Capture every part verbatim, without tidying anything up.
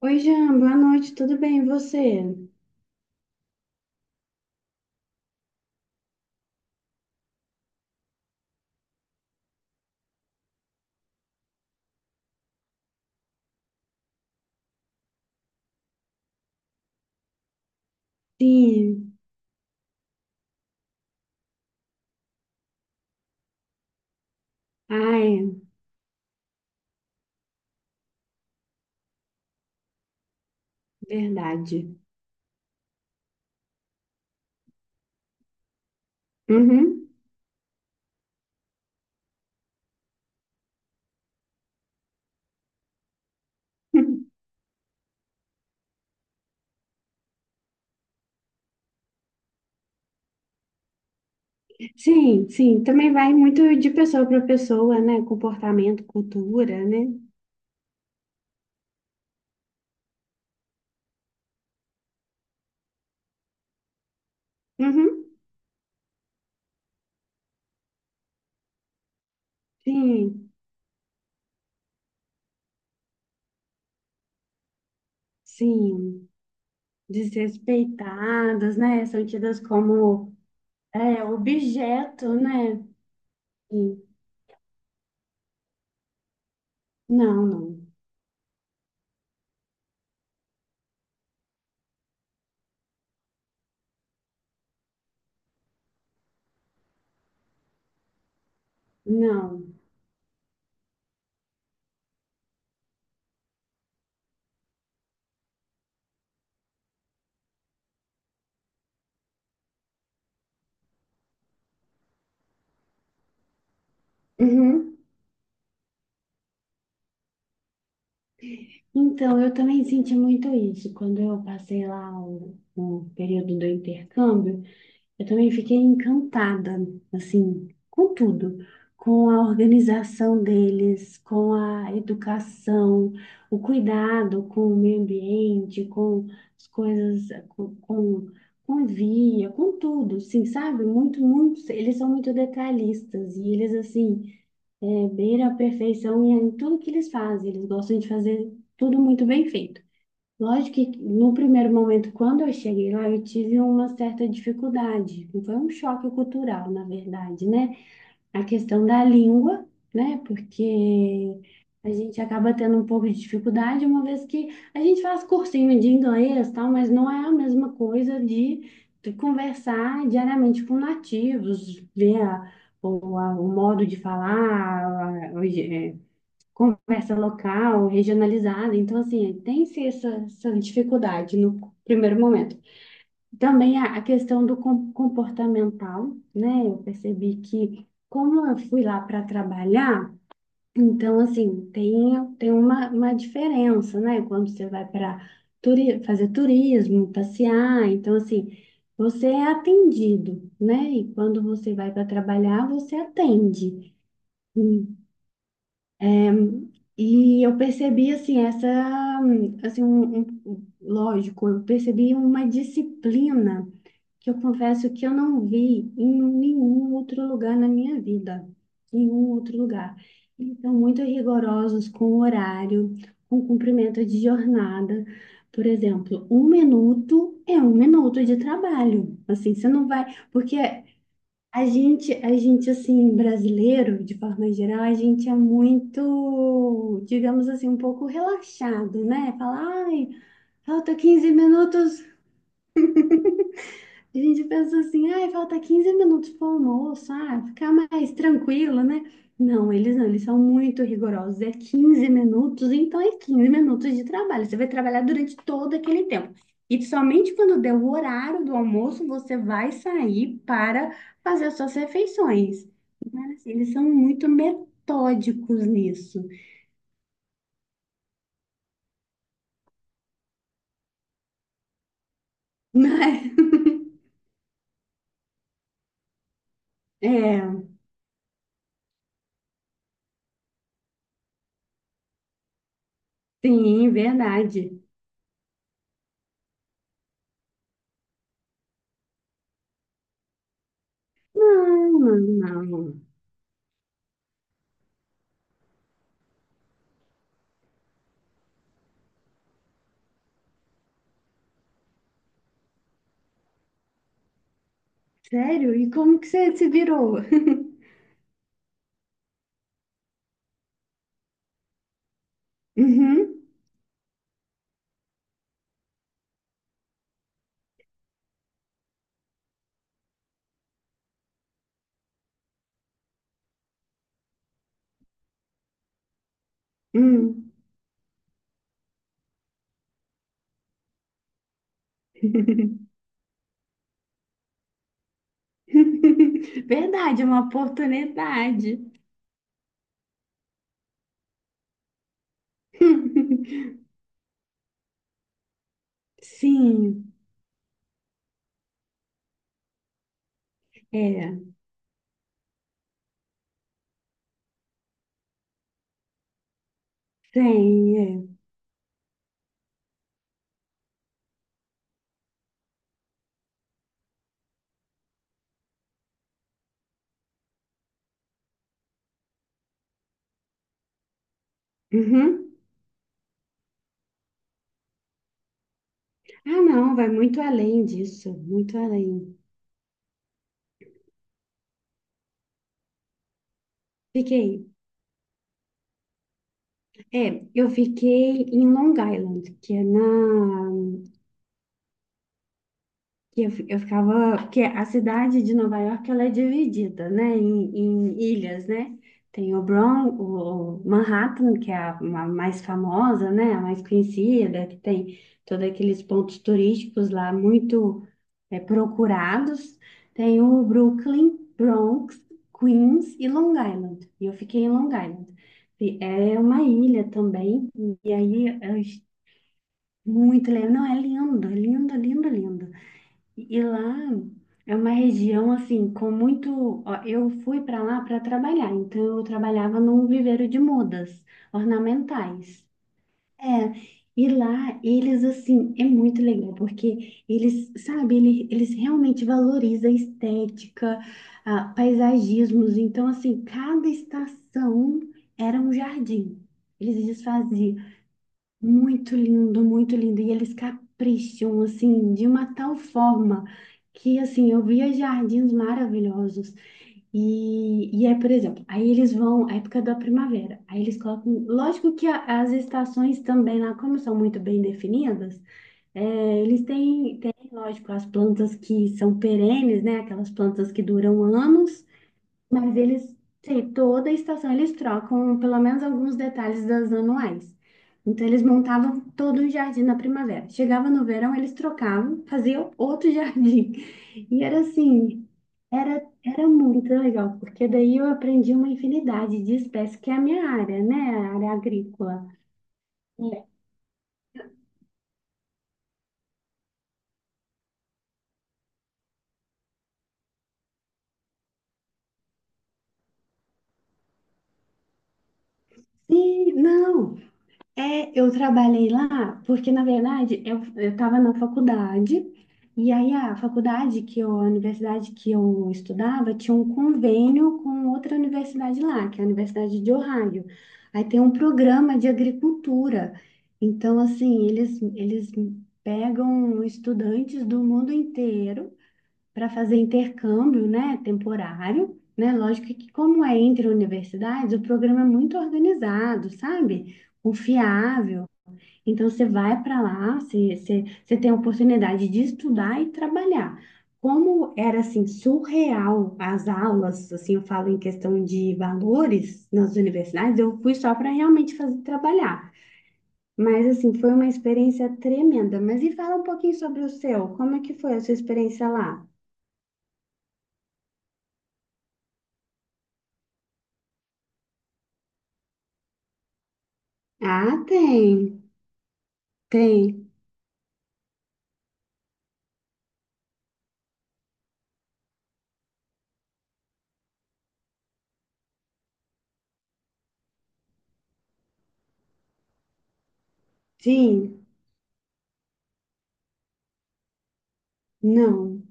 Oi, Jean, boa noite, tudo bem? E você? Sim, ai, verdade. Uhum. Sim, sim, também vai muito de pessoa para pessoa, né? Comportamento, cultura, né? Uhum. Sim, sim, desrespeitadas, né? São tidas como é, objeto, né? Sim. Não, não, não. Uhum. Então, eu também senti muito isso quando eu passei lá o, o período do intercâmbio. Eu também fiquei encantada, assim, com tudo, com a organização deles, com a educação, o cuidado com o meio ambiente, com as coisas, com, com, com via, com tudo, assim, sabe? Muito, muito, eles são muito detalhistas e eles, assim, é, beiram a perfeição em, em tudo que eles fazem, eles gostam de fazer tudo muito bem feito. Lógico que no primeiro momento, quando eu cheguei lá, eu tive uma certa dificuldade. Foi um choque cultural, na verdade, né? A questão da língua, né? Porque a gente acaba tendo um pouco de dificuldade, uma vez que a gente faz cursinho de inglês, tal, mas não é a mesma coisa de, de conversar diariamente com nativos, ver a- o, a- o modo de falar, conversa local, regionalizada. Então, assim, tem-se essa, essa dificuldade no primeiro momento. Também a, a questão do com- comportamental, né? Eu percebi que, como eu fui lá para trabalhar, então, assim, tem, tem uma, uma diferença, né? Quando você vai para turi fazer turismo, passear, então, assim. Você é atendido, né? E quando você vai para trabalhar, você atende. E eu percebi, assim, essa, assim, um, um- lógico, eu percebi uma disciplina que eu confesso que eu não vi em nenhum outro lugar na minha vida, em nenhum outro lugar. Eles são muito rigorosos com o horário, com cumprimento de jornada. Por exemplo, um minuto é um minuto de trabalho. Assim, você não vai, porque a gente, a gente, assim, brasileiro, de forma geral, a gente é muito, digamos assim, um pouco relaxado, né? Fala, ai, falta quinze minutos. A gente pensa assim, ai, falta quinze minutos para o almoço, ah, ficar mais tranquilo, né? Não, eles não, eles são muito rigorosos. É quinze minutos, então é quinze minutos de trabalho. Você vai trabalhar durante todo aquele tempo. E somente quando der o horário do almoço, você vai sair para fazer as suas refeições. Eles são muito metódicos nisso. Mas, é, sim, verdade. Não, não, não. Sério? E como que você se virou? Uhum, hum. Verdade, é uma oportunidade. Sim, é, tem, é. Uhum. Ah, não, vai muito além disso, muito além. Fiquei, é, eu fiquei em Long Island, que é na que eu, fi- eu ficava, porque a cidade de Nova York ela é dividida, né, em, em ilhas, né? Tem o Bronx, o o Manhattan, que é a, ma- mais famosa, né, a mais conhecida, que tem todos aqueles pontos turísticos lá muito é, procurados. Tem o Brooklyn, Bronx, Queens e Long Island. E eu fiquei em Long Island. E é uma ilha também, e aí eu, muito legal. Não, é lindo, é lindo, lindo, lindo. E lá é uma região assim com muito. Ó, eu fui para lá para trabalhar, então eu trabalhava num viveiro de mudas ornamentais. É, e lá eles assim é muito legal porque eles, sabe, ele- eles realmente valorizam a estética, ah, paisagismos. Então assim, cada estação era um jardim. Eles desfaziam muito lindo, muito lindo. E eles capricham, assim, de uma tal forma que, assim, eu via jardins maravilhosos. E, e é, por exemplo, aí eles vão, a época da primavera, aí eles colocam. Lógico que a- as estações também lá, como são muito bem definidas, é, eles têm, têm, lógico, as plantas que são perenes, né? Aquelas plantas que duram anos. Mas eles, sim, toda estação eles trocam pelo menos alguns detalhes das anuais. Então eles montavam todo um jardim na primavera. Chegava no verão, eles trocavam, faziam outro jardim. E era assim, era, era muito legal, porque daí eu aprendi uma infinidade de espécies, que é a minha área, né? A área agrícola. É. Sim, não. É, eu trabalhei lá porque, na verdade, eu estava na faculdade, e aí a faculdade que eu, a universidade que eu estudava tinha um convênio com outra universidade lá, que é a Universidade de Ohio. Aí tem um programa de agricultura. Então, assim, eles, eles pegam estudantes do mundo inteiro para fazer intercâmbio, né, temporário, né? Lógico que como é entre universidades, o programa é muito organizado, sabe? Confiável. Então você vai para lá, você, você, você tem a oportunidade de estudar e trabalhar. Como era assim surreal as aulas, assim eu falo em questão de valores nas universidades, eu fui só para realmente fazer trabalhar. Mas assim, foi uma experiência tremenda. Mas e fala um pouquinho sobre o seu, como é que foi a sua experiência lá? Ah, tem. Tem. Sim. Não.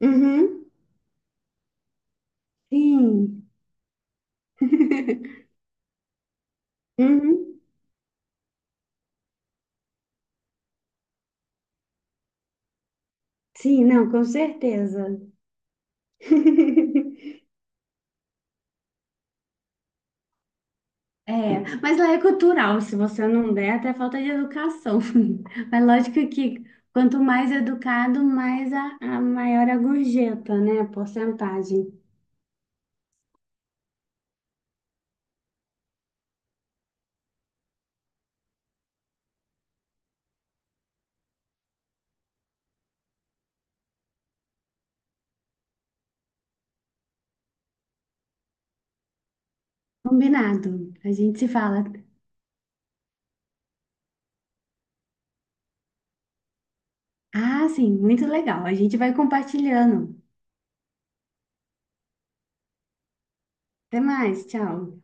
Uhum. Sim. Uhum. Sim, não, com certeza. É, mas lá é cultural, se você não der, até falta de educação. Mas lógico que quanto mais educado, mais a, a maior a gorjeta, né? A porcentagem. Combinado. A gente se fala. Ah, sim, muito legal. A gente vai compartilhando. Até mais, tchau.